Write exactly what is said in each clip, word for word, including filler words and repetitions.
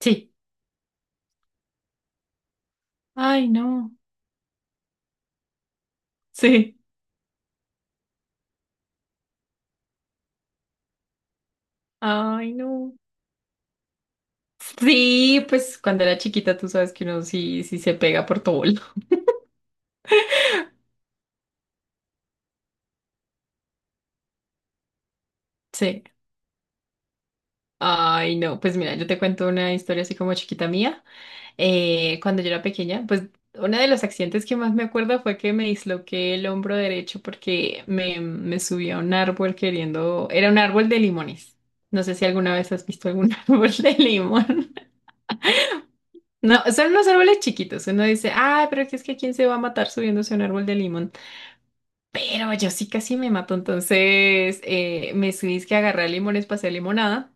Sí. Ay, no. Sí. Ay, no. Sí, pues cuando era chiquita tú sabes que uno sí, sí se pega por todo. Sí. Ay, no. Pues mira, yo te cuento una historia así como chiquita mía. Eh, cuando yo era pequeña, pues uno de los accidentes que más me acuerdo fue que me disloqué el hombro derecho porque me, me subí a un árbol queriendo... Era un árbol de limones. No sé si alguna vez has visto algún árbol de limón. No, son unos árboles chiquitos. Uno dice, ah, pero que es que quién se va a matar subiéndose a un árbol de limón. Pero yo sí casi me mato. Entonces eh, me subí, es que agarré limones para hacer limonada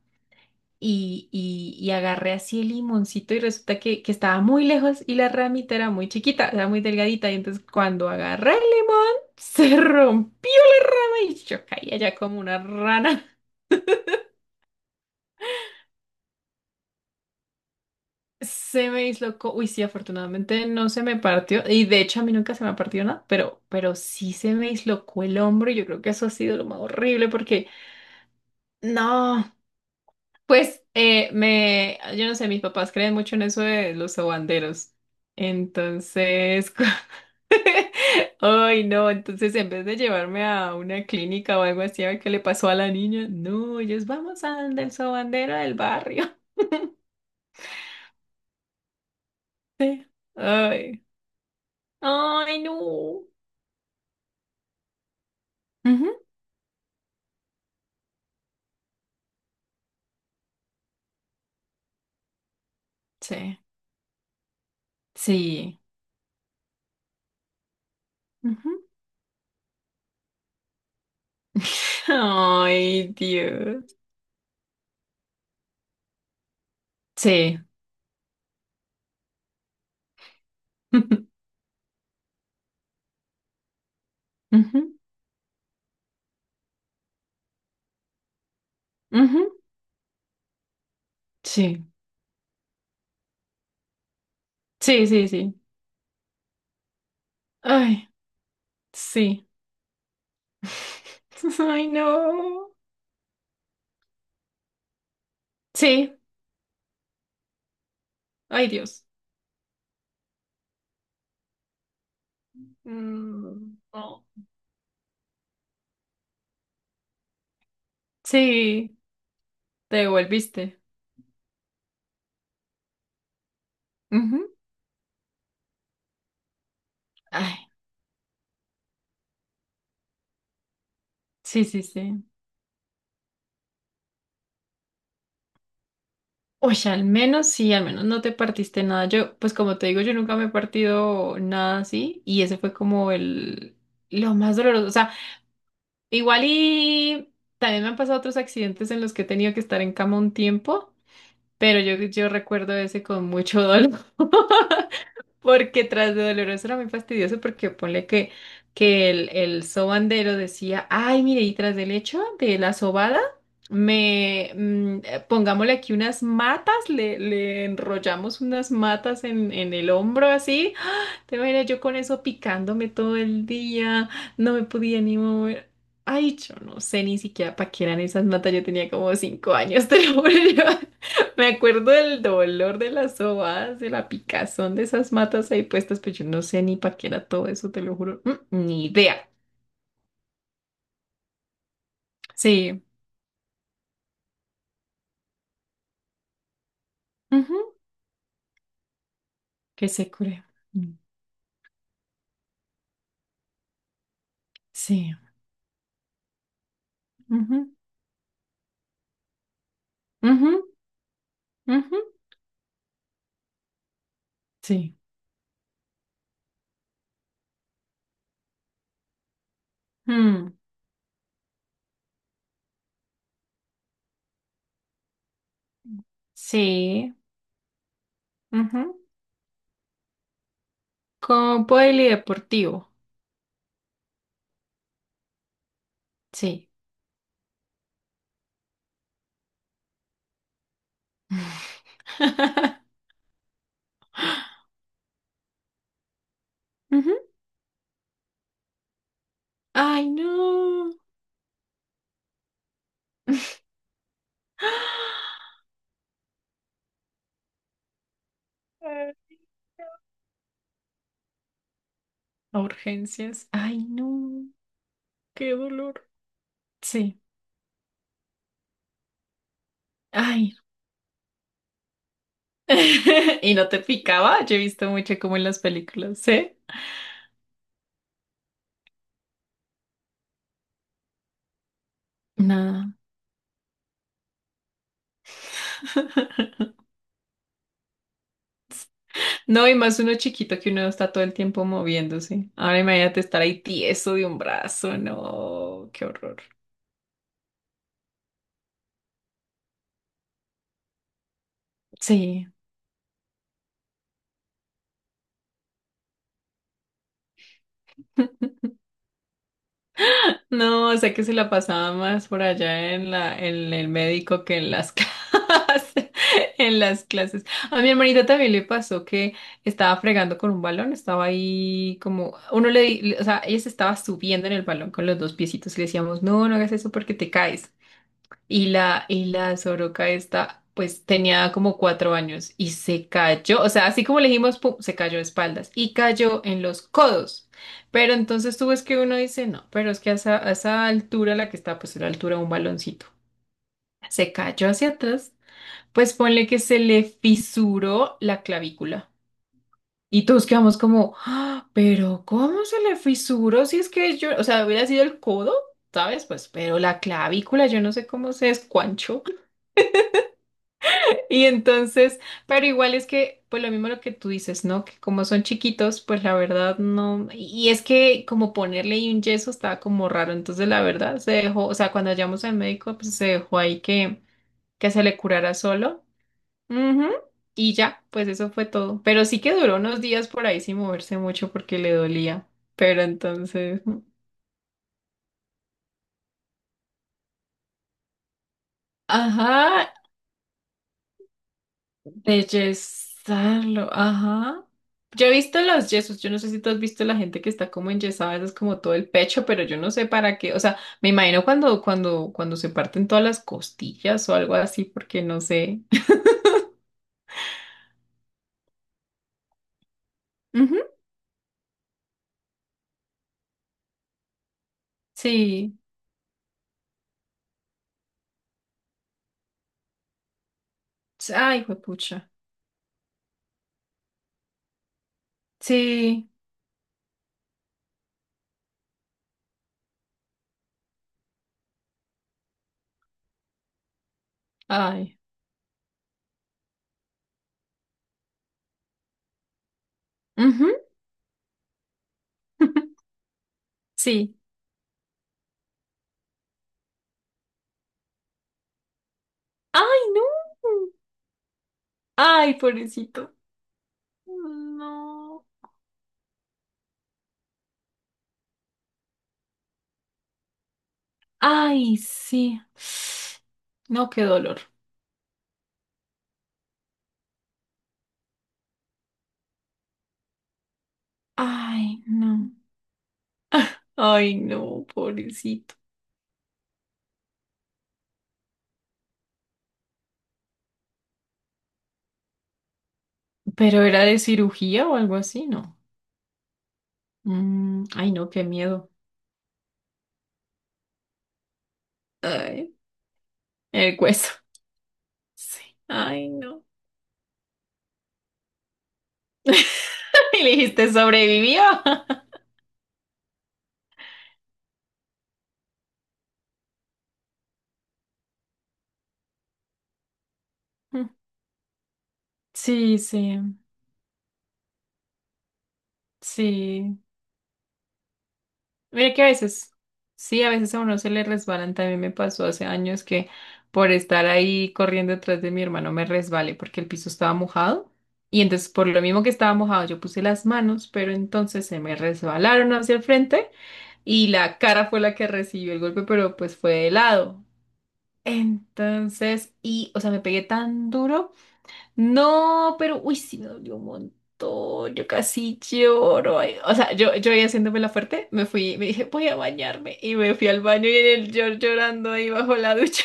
y, y, y agarré así el limoncito y resulta que, que estaba muy lejos y la ramita era muy chiquita, era muy delgadita. Y entonces cuando agarré el limón, se rompió la rama y yo caí allá como una rana. Se me dislocó. Uy, sí, afortunadamente no se me partió. Y de hecho a mí nunca se me ha partido nada, pero, pero sí se me dislocó el hombro y yo creo que eso ha sido lo más horrible porque no, pues eh, me, yo no sé, mis papás creen mucho en eso de los sobanderos. Entonces, cu- ay no, entonces en vez de llevarme a una clínica o algo así a ver qué le pasó a la niña, no, ellos vamos al del sobandero del barrio. Ay, ay, no. Ujú, Sí. Sí. Ujú. Ay, Dios. Sí. Ujú, ujú. Sí. Sí, sí, sí. Ay, sí. Ay, no. Sí. Ay, Dios. Mm, no. Sí, te devolviste. Ujú. Ay, sí, sí, sí. Oye, al menos sí, al menos no te partiste nada. Yo, pues como te digo, yo nunca me he partido nada así y ese fue como el lo más doloroso. O sea, igual y también me han pasado otros accidentes en los que he tenido que estar en cama un tiempo, pero yo, yo recuerdo ese con mucho dolor. Porque tras de doloroso era muy fastidioso porque ponle que, que el, el sobandero decía, ay, mire, y tras del hecho de la sobada, me mm, eh, pongámosle aquí unas matas, le, le enrollamos unas matas en, en el hombro así. ¡Ah! Te imaginas yo con eso picándome todo el día, no me podía ni mover. Ay, yo no sé ni siquiera para qué eran esas matas, yo tenía como cinco años, te lo juro. Me acuerdo del dolor de las sobadas, de la picazón de esas matas ahí puestas, pero yo no sé ni para qué era todo eso, te lo juro. Mm, ni idea. Sí. Ujú. Que se cure. Mm, Sí. Ujú. Ujú. Ujú. Sí. Mm, Sí. Ujú. Como polideportivo. Sí. Ujú. Ay, no. Ay, A urgencias. Ay, no. Qué dolor. Sí. Ay. Y no te picaba, yo he visto mucho como en las películas, ¿sí? Nada. No, y más uno chiquito que uno está todo el tiempo moviéndose. Ahora imagínate estar ahí tieso de un brazo, no, qué horror. Sí. No, o sea que se la pasaba más por allá en la, en el médico que en las clases, en las clases. A mi hermanita también le pasó que estaba fregando con un balón, estaba ahí como, uno le, di- le- o sea, ella se estaba subiendo en el balón con los dos piecitos y le decíamos, no, no hagas eso porque te caes. Y la, y la soroca esta, pues tenía como cuatro años y se cayó, o sea, así como le dijimos, pum, se cayó de espaldas y cayó en los codos. Pero entonces tú ves que uno dice, no, pero es que a esa, a esa altura, la que está, pues a la altura de un baloncito, se cayó hacia atrás, pues ponle que se le fisuró la clavícula. Y todos quedamos como, "Ah, pero ¿cómo se le fisuró? Si es que yo, o sea, hubiera sido el codo, ¿sabes? Pues, pero la clavícula, yo no sé cómo se descuanchó. Y entonces, pero igual es que, pues lo mismo lo que tú dices, ¿no? Que como son chiquitos, pues la verdad no. Y es que como ponerle ahí un yeso estaba como raro. Entonces, la verdad, se dejó, o sea, cuando llamamos al médico, pues se dejó ahí que, que se le curara solo. Ujú. Y ya, pues eso fue todo. Pero sí que duró unos días por ahí sin moverse mucho porque le dolía. Pero entonces, ajá, de yesarlo, ajá. Yo he visto los yesos, yo no sé si tú has visto la gente que está como enyesada, eso es como todo el pecho, pero yo no sé para qué, o sea, me imagino cuando, cuando, cuando se parten todas las costillas o algo así, porque no sé. Ujú, sí. Ay, juepucha. Sí. Ay. Ujú, sí. Ay, no. Ay, pobrecito. No. Ay, sí. No, qué dolor. Ay, no. Ay, no, pobrecito. Pero era de cirugía o algo así, ¿no? Mm, ay, no, qué miedo. Ay, el hueso. Sí. Ay, no. Y le dijiste, sobrevivió. Mm, sí, sí, sí. Mira que a veces, sí, a veces a uno se le resbalan. También me pasó hace años que por estar ahí corriendo detrás de mi hermano me resbalé porque el piso estaba mojado. Y entonces por lo mismo que estaba mojado yo puse las manos, pero entonces se me resbalaron hacia el frente y la cara fue la que recibió el golpe, pero pues fue de lado. Entonces, y, o sea, me pegué tan duro. No, pero, uy, sí me dolió un montón. Yo casi lloro. Ay, O sea, yo, yo ahí haciéndome la fuerte, me fui, me dije, voy a bañarme. Y me fui al baño y en el llor llorando ahí bajo la ducha.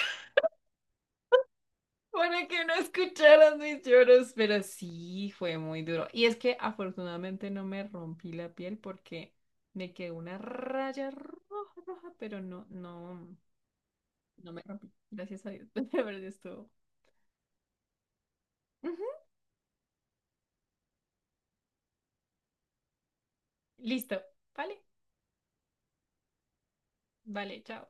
Para que no escucharas mis lloros, pero sí fue muy duro. Y es que afortunadamente no me rompí la piel porque me quedó una raya roja, roja, pero no, no. No me rompí. Gracias a Dios. Pero estuvo. Ujú. Listo. Vale. Vale, chao.